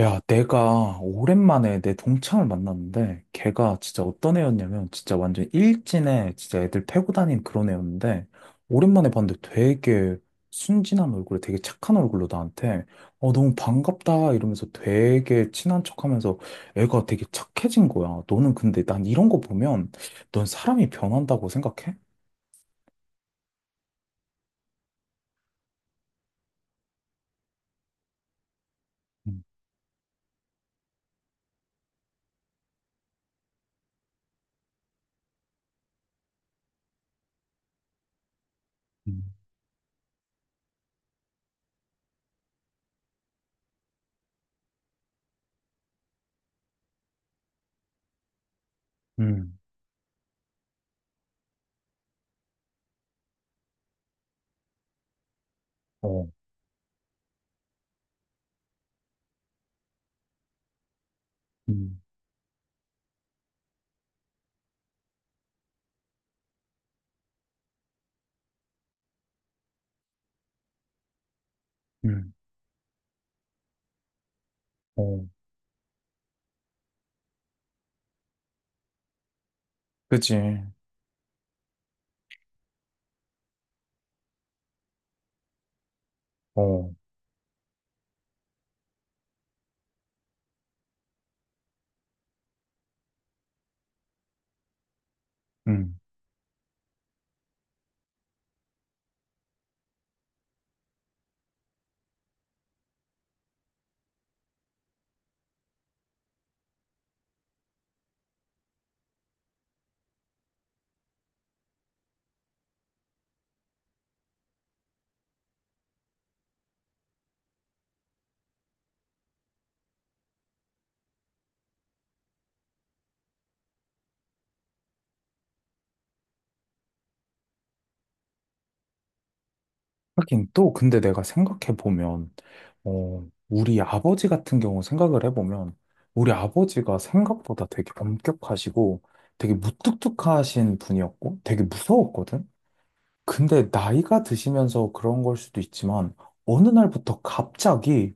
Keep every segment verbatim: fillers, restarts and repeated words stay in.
야, 내가 오랜만에 내 동창을 만났는데, 걔가 진짜 어떤 애였냐면, 진짜 완전 일진에 진짜 애들 패고 다닌 그런 애였는데, 오랜만에 봤는데 되게 순진한 얼굴에 되게 착한 얼굴로 나한테, 어, 너무 반갑다 이러면서 되게 친한 척 하면서 애가 되게 착해진 거야. 너는 근데 난 이런 거 보면, 넌 사람이 변한다고 생각해? 음, 음, 음, 어, 음, 음, 어, 그지, 어, 응. 하긴 또 근데 내가 생각해 보면 어 우리 아버지 같은 경우 생각을 해 보면 우리 아버지가 생각보다 되게 엄격하시고 되게 무뚝뚝하신 분이었고 되게 무서웠거든. 근데 나이가 드시면서 그런 걸 수도 있지만 어느 날부터 갑자기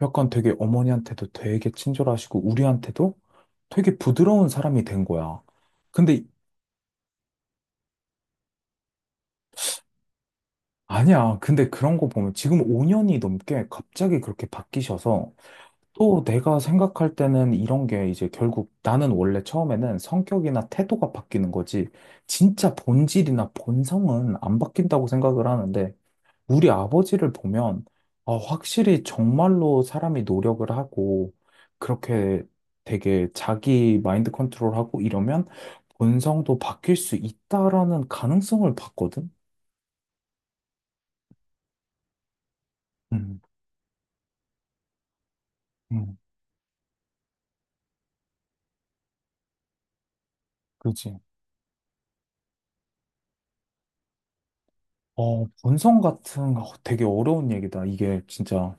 약간 되게 어머니한테도 되게 친절하시고 우리한테도 되게 부드러운 사람이 된 거야. 근데 아니야. 근데 그런 거 보면 지금 오 년이 넘게 갑자기 그렇게 바뀌셔서 또 내가 생각할 때는 이런 게 이제 결국 나는 원래 처음에는 성격이나 태도가 바뀌는 거지 진짜 본질이나 본성은 안 바뀐다고 생각을 하는데 우리 아버지를 보면 아, 확실히 정말로 사람이 노력을 하고 그렇게 되게 자기 마인드 컨트롤하고 이러면 본성도 바뀔 수 있다라는 가능성을 봤거든. 음, 음, 그지. 어, 본성 같은 거 되게 어려운 얘기다. 이게 진짜.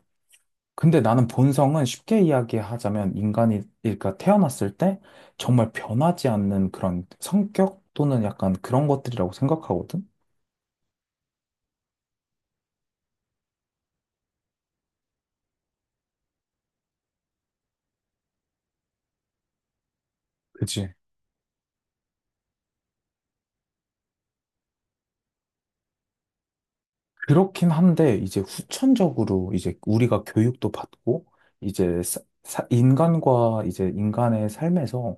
근데 나는 본성은 쉽게 이야기하자면 인간이, 그러니까 태어났을 때 정말 변하지 않는 그런 성격 또는 약간 그런 것들이라고 생각하거든? 그치? 그렇긴 한데 이제 후천적으로 이제 우리가 교육도 받고 이제 사- 사- 인간과 이제 인간의 삶에서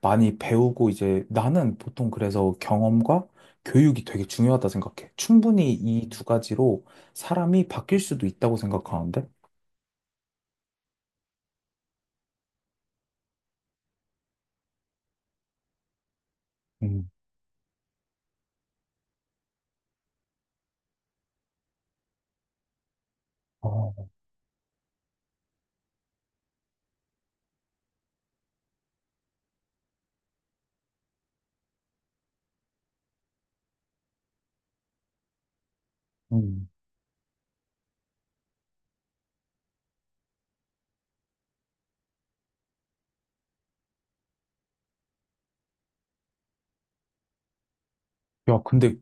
많이 배우고 이제 나는 보통 그래서 경험과 교육이 되게 중요하다 생각해. 충분히 이 두 가지로 사람이 바뀔 수도 있다고 생각하는데. 음. 어, 음. 야, 근데,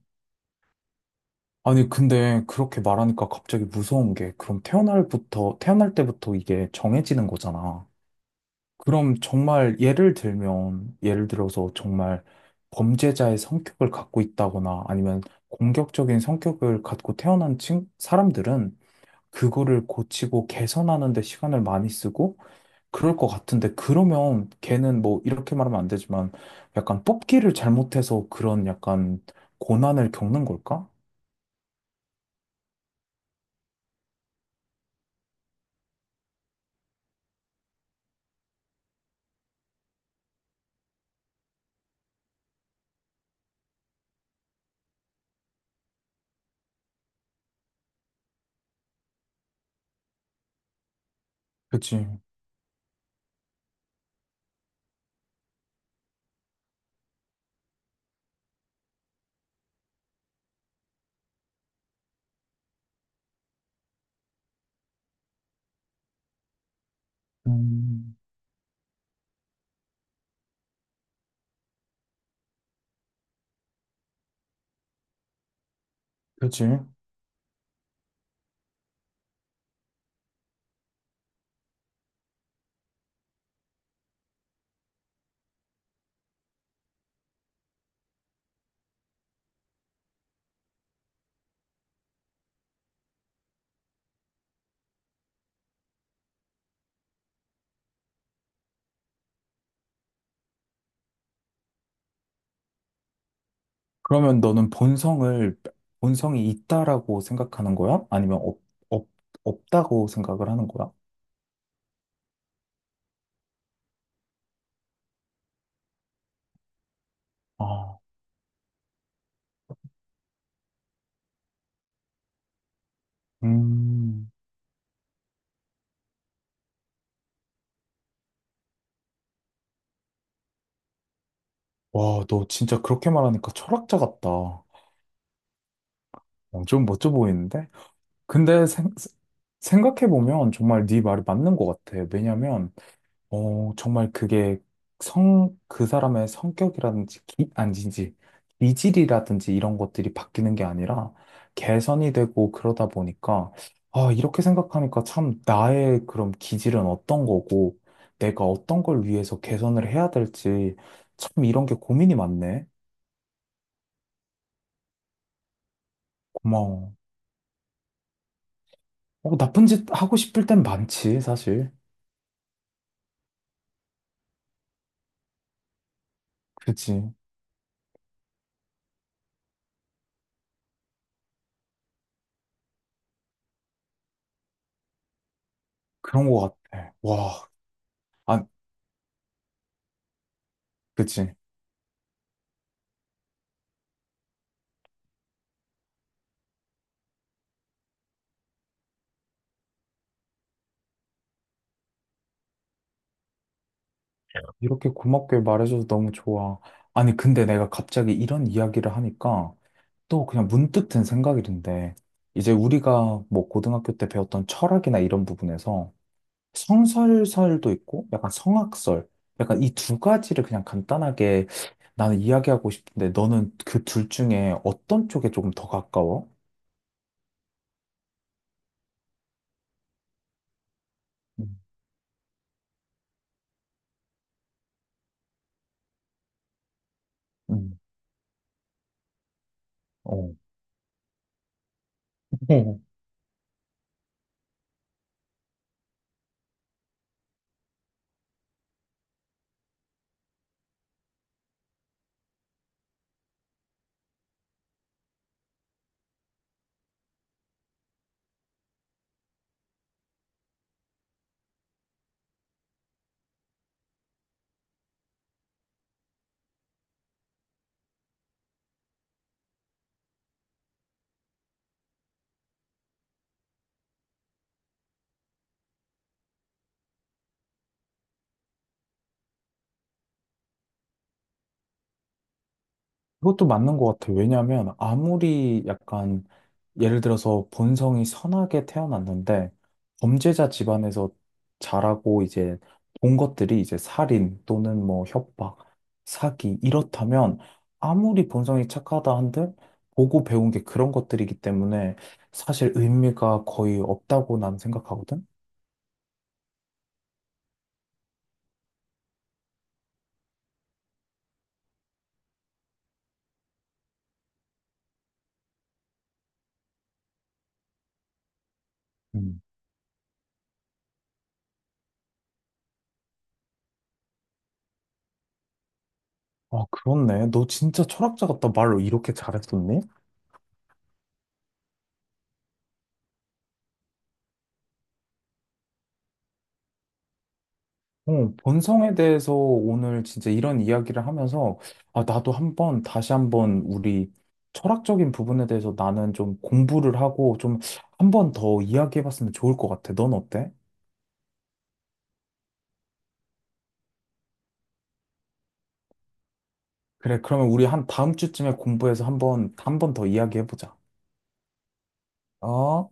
아니, 근데 그렇게 말하니까 갑자기 무서운 게, 그럼 태어날부터, 태어날 때부터 이게 정해지는 거잖아. 그럼 정말 예를 들면, 예를 들어서 정말 범죄자의 성격을 갖고 있다거나 아니면 공격적인 성격을 갖고 태어난 친, 사람들은 그거를 고치고 개선하는 데 시간을 많이 쓰고 그럴 것 같은데, 그러면 걔는 뭐 이렇게 말하면 안 되지만 약간 뽑기를 잘못해서 그런 약간 고난을 겪는 걸까? 그치. 음, 그치. 그러면 너는 본성을, 본성이 있다라고 생각하는 거야? 아니면 없, 없, 없다고 생각을 하는 거야? 아, 음. 와, 너 진짜 그렇게 말하니까 철학자 같다. 어, 좀 멋져 보이는데? 근데 생, 생각해보면 정말 네 말이 맞는 것 같아. 왜냐면 어, 정말 그게 성, 그 사람의 성격이라든지, 기, 아니지, 기질이라든지 이런 것들이 바뀌는 게 아니라 개선이 되고 그러다 보니까, 아, 이렇게 생각하니까 참 나의 그럼 기질은 어떤 거고, 내가 어떤 걸 위해서 개선을 해야 될지, 참 이런 게 고민이 많네. 고마워. 어, 나쁜 짓 하고 싶을 땐 많지, 사실. 그지. 그런 거 같아. 와, 아, 그지. 이렇게 고맙게 말해줘서 너무 좋아. 아니, 근데 내가 갑자기 이런 이야기를 하니까 또 그냥 문득 든 생각인데, 이제 우리가 뭐 고등학교 때 배웠던 철학이나 이런 부분에서 성설설도 있고, 약간 성악설, 약간 이 두 가지를 그냥 간단하게 나는 이야기하고 싶은데, 너는 그 둘 중에 어떤 쪽에 조금 더 가까워? 음. 음, 어. 그것도 맞는 것 같아요. 왜냐하면 아무리 약간 예를 들어서 본성이 선하게 태어났는데 범죄자 집안에서 자라고 이제 본 것들이 이제 살인 또는 뭐 협박, 사기 이렇다면 아무리 본성이 착하다 한들 보고 배운 게 그런 것들이기 때문에 사실 의미가 거의 없다고 난 생각하거든. 음. 아, 그렇네. 너 진짜 철학자 같다. 말로 이렇게 잘했었니? 어, 본성에 대해서 오늘 진짜 이런 이야기를 하면서, 아, 나도 한번, 다시 한번 우리 철학적인 부분에 대해서 나는 좀 공부를 하고 좀 한번 더 이야기해봤으면 좋을 것 같아. 넌 어때? 그래, 그러면 우리 한 다음 주쯤에 공부해서 한번, 한번 더 이야기해보자. 어?